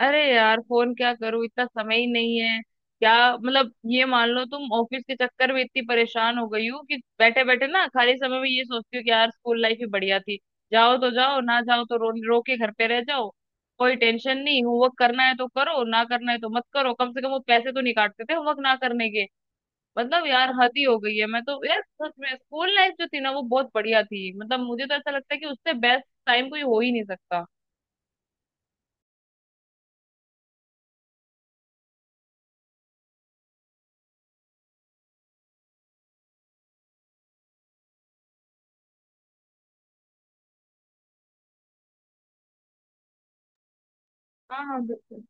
अरे यार फोन क्या करूं, इतना समय ही नहीं है। क्या मतलब, ये मान लो तुम ऑफिस के चक्कर में इतनी परेशान हो गई हो कि बैठे बैठे ना खाली समय में ये सोचती हो कि यार स्कूल लाइफ ही बढ़िया थी। जाओ तो जाओ, ना जाओ तो रो रो के घर पे रह जाओ। कोई टेंशन नहीं, होमवर्क करना है तो करो, ना करना है तो मत करो, कम से कम वो पैसे तो नहीं काटते थे होमवर्क ना करने के। मतलब यार हद ही हो गई है। मैं तो यार सच में स्कूल लाइफ जो थी ना वो बहुत बढ़िया थी, मतलब मुझे तो ऐसा लगता है कि उससे बेस्ट टाइम कोई हो ही नहीं सकता। हाँ, हाँ, बिल्कुल।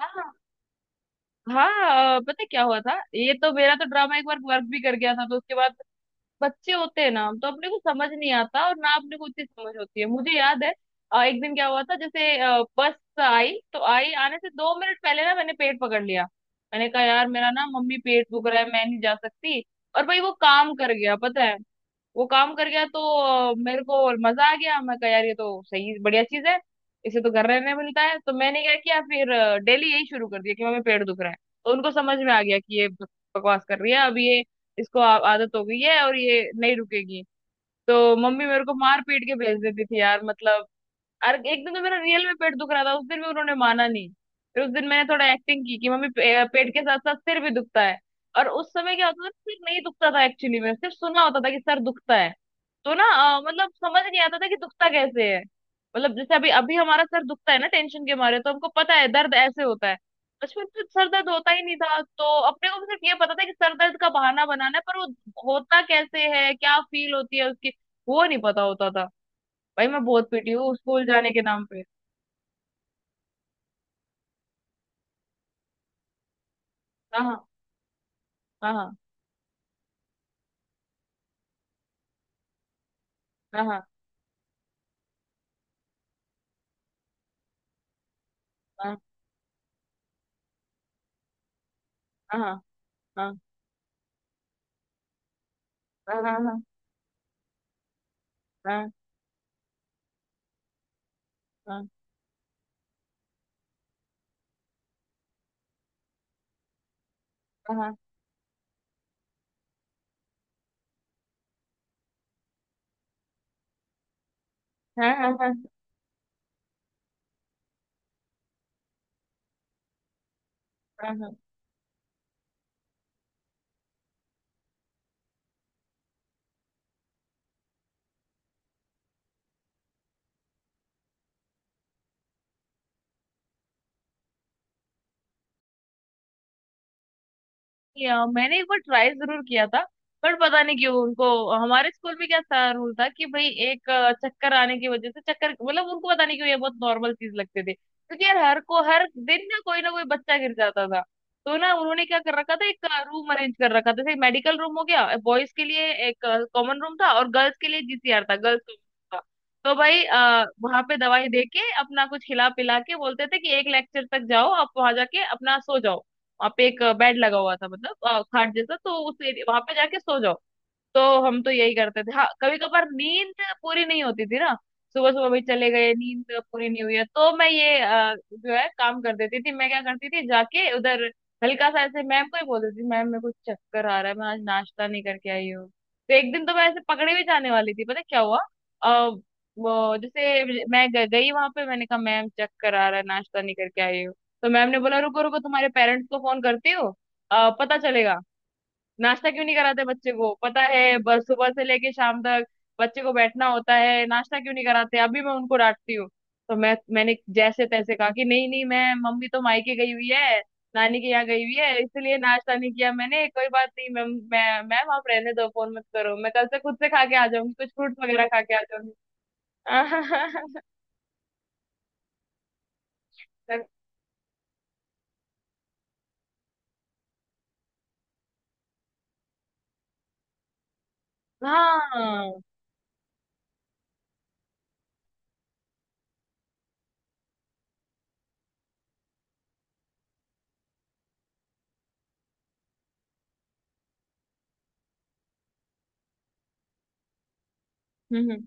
हाँ। हाँ, पता है क्या हुआ था? ये तो मेरा तो ड्रामा एक बार वर्क भी कर गया था, तो उसके बाद बच्चे होते हैं ना तो अपने को समझ नहीं आता, और ना अपने को उतनी समझ होती है। मुझे याद है एक दिन क्या हुआ था जैसे बस आई तो आई, आने से 2 मिनट पहले ना मैंने पेट पकड़ लिया। मैंने कहा यार मेरा ना, मम्मी पेट दुख रहा है, मैं नहीं जा सकती। और भाई वो काम कर गया, पता है? वो काम कर गया, तो मेरे को मजा आ गया। मैं कहा यार ये तो सही बढ़िया चीज है, इसे तो घर रहने मिलता है। तो मैंने क्या किया फिर, डेली यही शुरू कर दिया कि मम्मी पेट दुख रहा है। तो उनको समझ में आ गया कि ये बकवास कर रही है, अब ये, आदत हो गई है और ये नहीं रुकेगी। तो मम्मी मेरे को मार पीट के भेज देती थी यार, मतलब। और एक दिन तो मेरा रियल में पेट दुख रहा था, उस दिन भी उन्होंने माना नहीं। फिर उस दिन मैंने थोड़ा एक्टिंग की कि मम्मी पेट के साथ साथ सिर भी दुखता है। और उस समय क्या होता था, सिर नहीं दुखता था एक्चुअली में, सिर्फ सुना होता था कि सर दुखता है, तो ना, मतलब समझ नहीं आता था कि दुखता कैसे है। मतलब जैसे अभी अभी हमारा सर दुखता है ना टेंशन के मारे, तो हमको पता है दर्द ऐसे होता है। बचपन में सर दर्द होता ही नहीं था, तो अपने को सिर्फ ये पता था कि सर दर्द का बहाना बनाना है, पर वो होता कैसे है, क्या फील होती है उसकी, वो नहीं पता होता था। भाई मैं बहुत पीटी हूँ स्कूल जाने के नाम पे। हाँ, हाँ, हाँ, हाँ, हाँ, हाँ, हाँ, हाँ, हाँ, हाँ, हाँ, हाँ, हाँ, हाँ, हाँ, हाँ, हाँ। मैंने एक बार ट्राई जरूर किया था, पर पता नहीं क्यों उनको। हमारे स्कूल में क्या था, रूल था कि भाई एक चक्कर आने की वजह से, चक्कर मतलब, उनको पता नहीं क्यों ये बहुत नॉर्मल चीज लगते थे, क्योंकि यार हर को हर दिन ना कोई बच्चा गिर जाता था। तो ना उन्होंने क्या कर रखा था, एक रूम अरेंज कर रखा था जैसे मेडिकल रूम हो गया। बॉयज के लिए एक कॉमन रूम था और गर्ल्स के लिए जीसीआर था, गर्ल्स था। तो भाई वहां पे दवाई दे के अपना कुछ खिला पिला के बोलते थे कि एक लेक्चर तक जाओ, आप वहां जाके अपना सो जाओ। वहां पे एक बेड लगा हुआ था, मतलब खाट जैसा, तो उस वहां पे जाके सो जाओ। तो हम तो यही करते थे। हाँ, कभी कभार नींद पूरी नहीं होती थी ना, सुबह सुबह भी चले गए, नींद पूरी नहीं हुई है, तो मैं ये जो है काम कर देती थी। मैं क्या करती थी, जाके उधर हल्का सा ऐसे मैम को ही बोल देती थी, मैम मेरे को चक्कर आ रहा है, मैं आज नाश्ता नहीं करके आई हूँ। तो एक दिन तो मैं ऐसे पकड़े भी जाने वाली थी, पता है क्या हुआ? आ, वो जैसे मैं गई वहां पे, मैंने कहा मैम चक्कर आ रहा है, नाश्ता नहीं करके आई हूँ। तो मैम ने बोला रुको रुको, तुम्हारे पेरेंट्स को फोन करती हो, पता चलेगा नाश्ता क्यों नहीं कराते बच्चे को, पता है बस सुबह से लेके शाम तक बच्चे को बैठना होता है, नाश्ता क्यों नहीं कराते, अभी मैं उनको डांटती हूँ। तो मैंने जैसे तैसे कहा कि नहीं नहीं, मैं मम्मी तो मायके गई हुई है, नानी के यहाँ गई हुई है, इसलिए नाश्ता नहीं किया मैंने, कोई बात नहीं मैम, मैं मैम आप रहने दो, फोन मत करो, मैं कल से खुद से खा के आ जाऊंगी, कुछ फ्रूट्स वगैरह खा के आ जाऊंगी। हाँ। हम्म,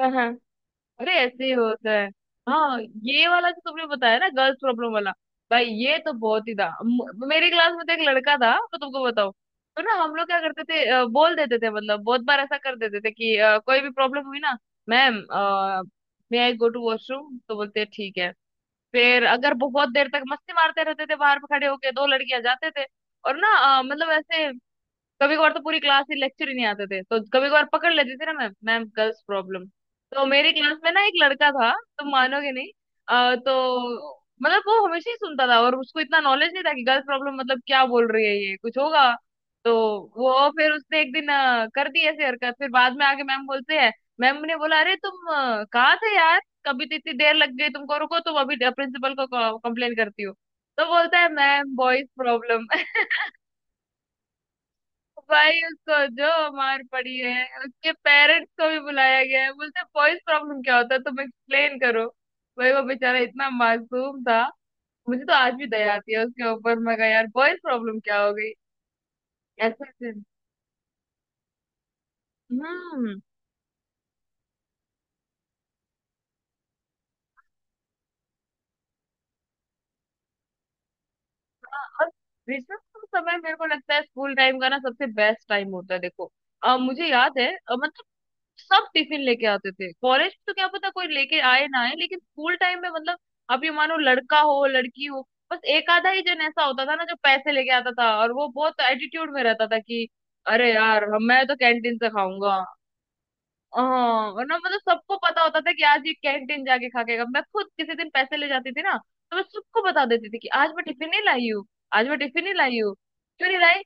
हाँ। अरे ऐसे ही होता। हाँ, ये वाला जो तुमने बताया ना गर्ल्स प्रॉब्लम वाला, भाई ये तो बहुत ही था। मेरी क्लास में तो एक लड़का था, मैं तुमको बताऊं। तो ना हम लोग क्या करते थे, बोल देते थे, मतलब बहुत बार ऐसा कर देते थे कि कोई भी प्रॉब्लम हुई ना, ma'am may I go to washroom, तो बोलते हैं, ठीक है। फिर अगर बहुत देर तक मस्ती मारते रहते थे बाहर पे खड़े होके, दो लड़कियां जाते थे, और ना मतलब ऐसे, कभी कभार तो पूरी क्लास ही लेक्चर ही नहीं आते थे, तो कभी कभार पकड़ लेती थी ना मैम, मैम गर्ल्स प्रॉब्लम। तो मेरी क्लास में ना एक लड़का था, तुम मानोगे नहीं। तो मतलब वो हमेशा ही सुनता था, और उसको इतना नॉलेज नहीं था कि गर्ल्स प्रॉब्लम मतलब क्या बोल रही है ये, कुछ होगा। तो वो फिर उसने एक दिन कर दी ऐसी हरकत, फिर बाद में आके मैम बोलते हैं, मैम ने बोला अरे तुम कहाँ थे यार, कभी तो इतनी देर लग गई तुमको, रुको तुम अभी प्रिंसिपल को कंप्लेन करती हो। तो बोलता है मैम बॉयज प्रॉब्लम। भाई उसको जो मार पड़ी है, उसके पेरेंट्स को भी बुलाया गया है, बोलते वॉइस प्रॉब्लम क्या होता है तुम एक्सप्लेन करो। भाई वो बेचारा इतना मासूम था, मुझे तो आज भी दया आती है उसके ऊपर, मैं कहा यार वॉइस प्रॉब्लम क्या हो गई, ऐसे ऐसे। हम्म। और क्रिसमस का समय, मेरे को लगता है स्कूल टाइम का ना सबसे बेस्ट टाइम होता है, देखो मुझे याद है मतलब सब टिफिन लेके आते थे। कॉलेज तो क्या पता कोई लेके आए ना आए, लेकिन स्कूल टाइम में, मतलब आप ये मानो लड़का हो लड़की हो, बस एक आधा ही जन ऐसा होता था ना जो पैसे लेके आता था, और वो बहुत एटीट्यूड में रहता था कि अरे यार, मैं तो कैंटीन से खाऊंगा। हाँ। और ना मतलब सबको पता होता था कि आज ये कैंटीन जाके खा के आएगा। मैं खुद किसी दिन पैसे ले जाती थी ना, तो मैं सबको बता देती थी कि आज मैं टिफिन नहीं लाई हूँ, आज मैं टिफिन नहीं लाई हूँ, क्यों नहीं लाई,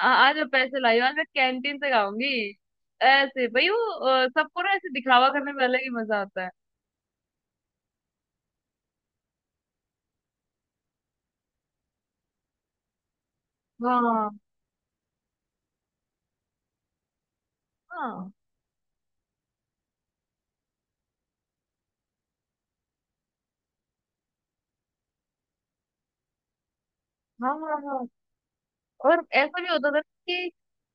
आज मैं पैसे लाई हूँ, आज मैं कैंटीन से खाऊंगी, ऐसे भाई वो सबको ना ऐसे दिखावा करने में अलग ही मजा आता है। हाँ, हाँ, हाँ, हाँ, हाँ। और ऐसा भी होता था ना कि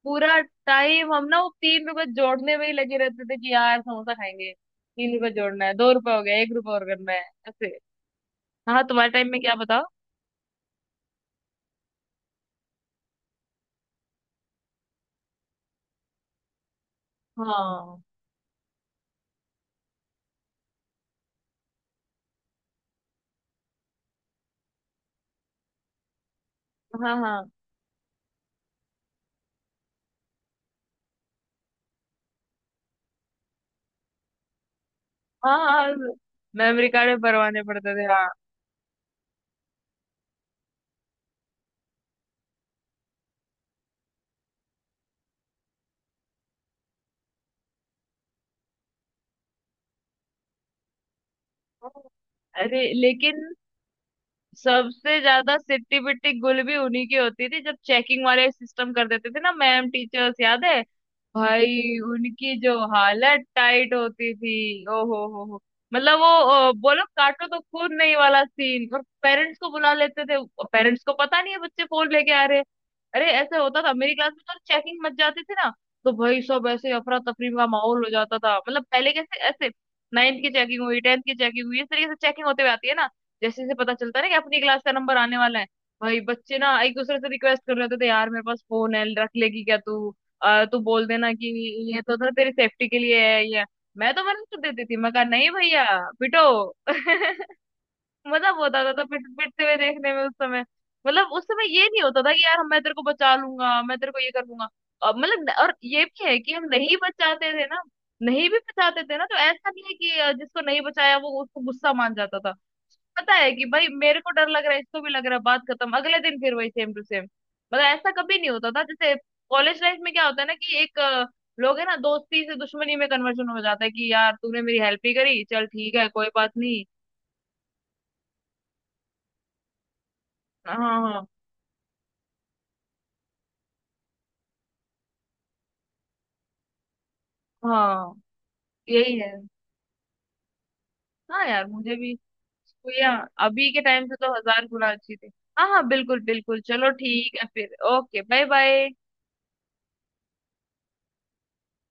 पूरा टाइम हम ना वो 3 रुपए जोड़ने में ही लगे रहते थे, कि यार समोसा खाएंगे, 3 रुपए जोड़ना है, 2 रुपए हो गया, 1 रुपए और करना है, ऐसे। हाँ, तुम्हारे टाइम में क्या बताओ। हाँ, हाँ, हाँ, हाँ, हाँ। मेमोरी कार्ड में भरवाने पड़ते थे, हाँ। अरे लेकिन सबसे ज्यादा सिट्टी पिट्टी गुल भी उन्हीं की होती थी, जब चेकिंग वाले सिस्टम कर देते थे ना मैम टीचर्स, याद है भाई उनकी जो हालत टाइट होती थी, ओ हो हो। मतलब वो बोलो काटो तो खून नहीं वाला सीन, और पेरेंट्स को बुला लेते थे। पेरेंट्स को पता नहीं है बच्चे फोन लेके आ रहे हैं। अरे ऐसे होता था, मेरी क्लास में तो चेकिंग मच जाती थी ना, तो भाई सब ऐसे अफरा तफरी का माहौल हो जाता था, मतलब पहले कैसे ऐसे नाइन्थ की चेकिंग हुई, टेंथ की चेकिंग हुई, इस तरीके से चेकिंग होते हुए आती है ना, जैसे जैसे पता चलता है ना कि अपनी क्लास का नंबर आने वाला है, भाई बच्चे ना एक दूसरे से रिक्वेस्ट कर रहे होते थे, यार मेरे पास फोन है रख लेगी क्या तू, तू बोल देना कि ये तो ना तेरी सेफ्टी के लिए है, ये है। मैं तो मना कर देती थी, मैं कहा नहीं भैया, पिटो। मजा बहुत आता था पिट पिटते हुए देखने में उस समय। मतलब उस समय ये नहीं होता था कि यार मैं तेरे को बचा लूंगा, मैं तेरे को ये कर लूंगा, मतलब। और ये भी है कि हम नहीं बचाते थे ना, नहीं भी बचाते थे ना तो ऐसा नहीं है कि जिसको नहीं बचाया वो उसको गुस्सा मान जाता था, पता है कि भाई मेरे को डर लग रहा है, इसको भी लग रहा है, बात खत्म। अगले दिन फिर वही सेम टू सेम, मतलब ऐसा कभी नहीं होता था जैसे कॉलेज लाइफ में क्या होता है ना कि एक लोग है ना, दोस्ती से दुश्मनी में कन्वर्जन हो जाता है कि यार तूने मेरी हेल्प ही करी, चल ठीक है कोई बात नहीं। हाँ, हाँ, हाँ, यही है। हाँ यार मुझे भी, भैया, अभी के टाइम से तो 1000 गुना अच्छी थी। हाँ, हाँ, बिल्कुल बिल्कुल, चलो ठीक है फिर, ओके बाय बाय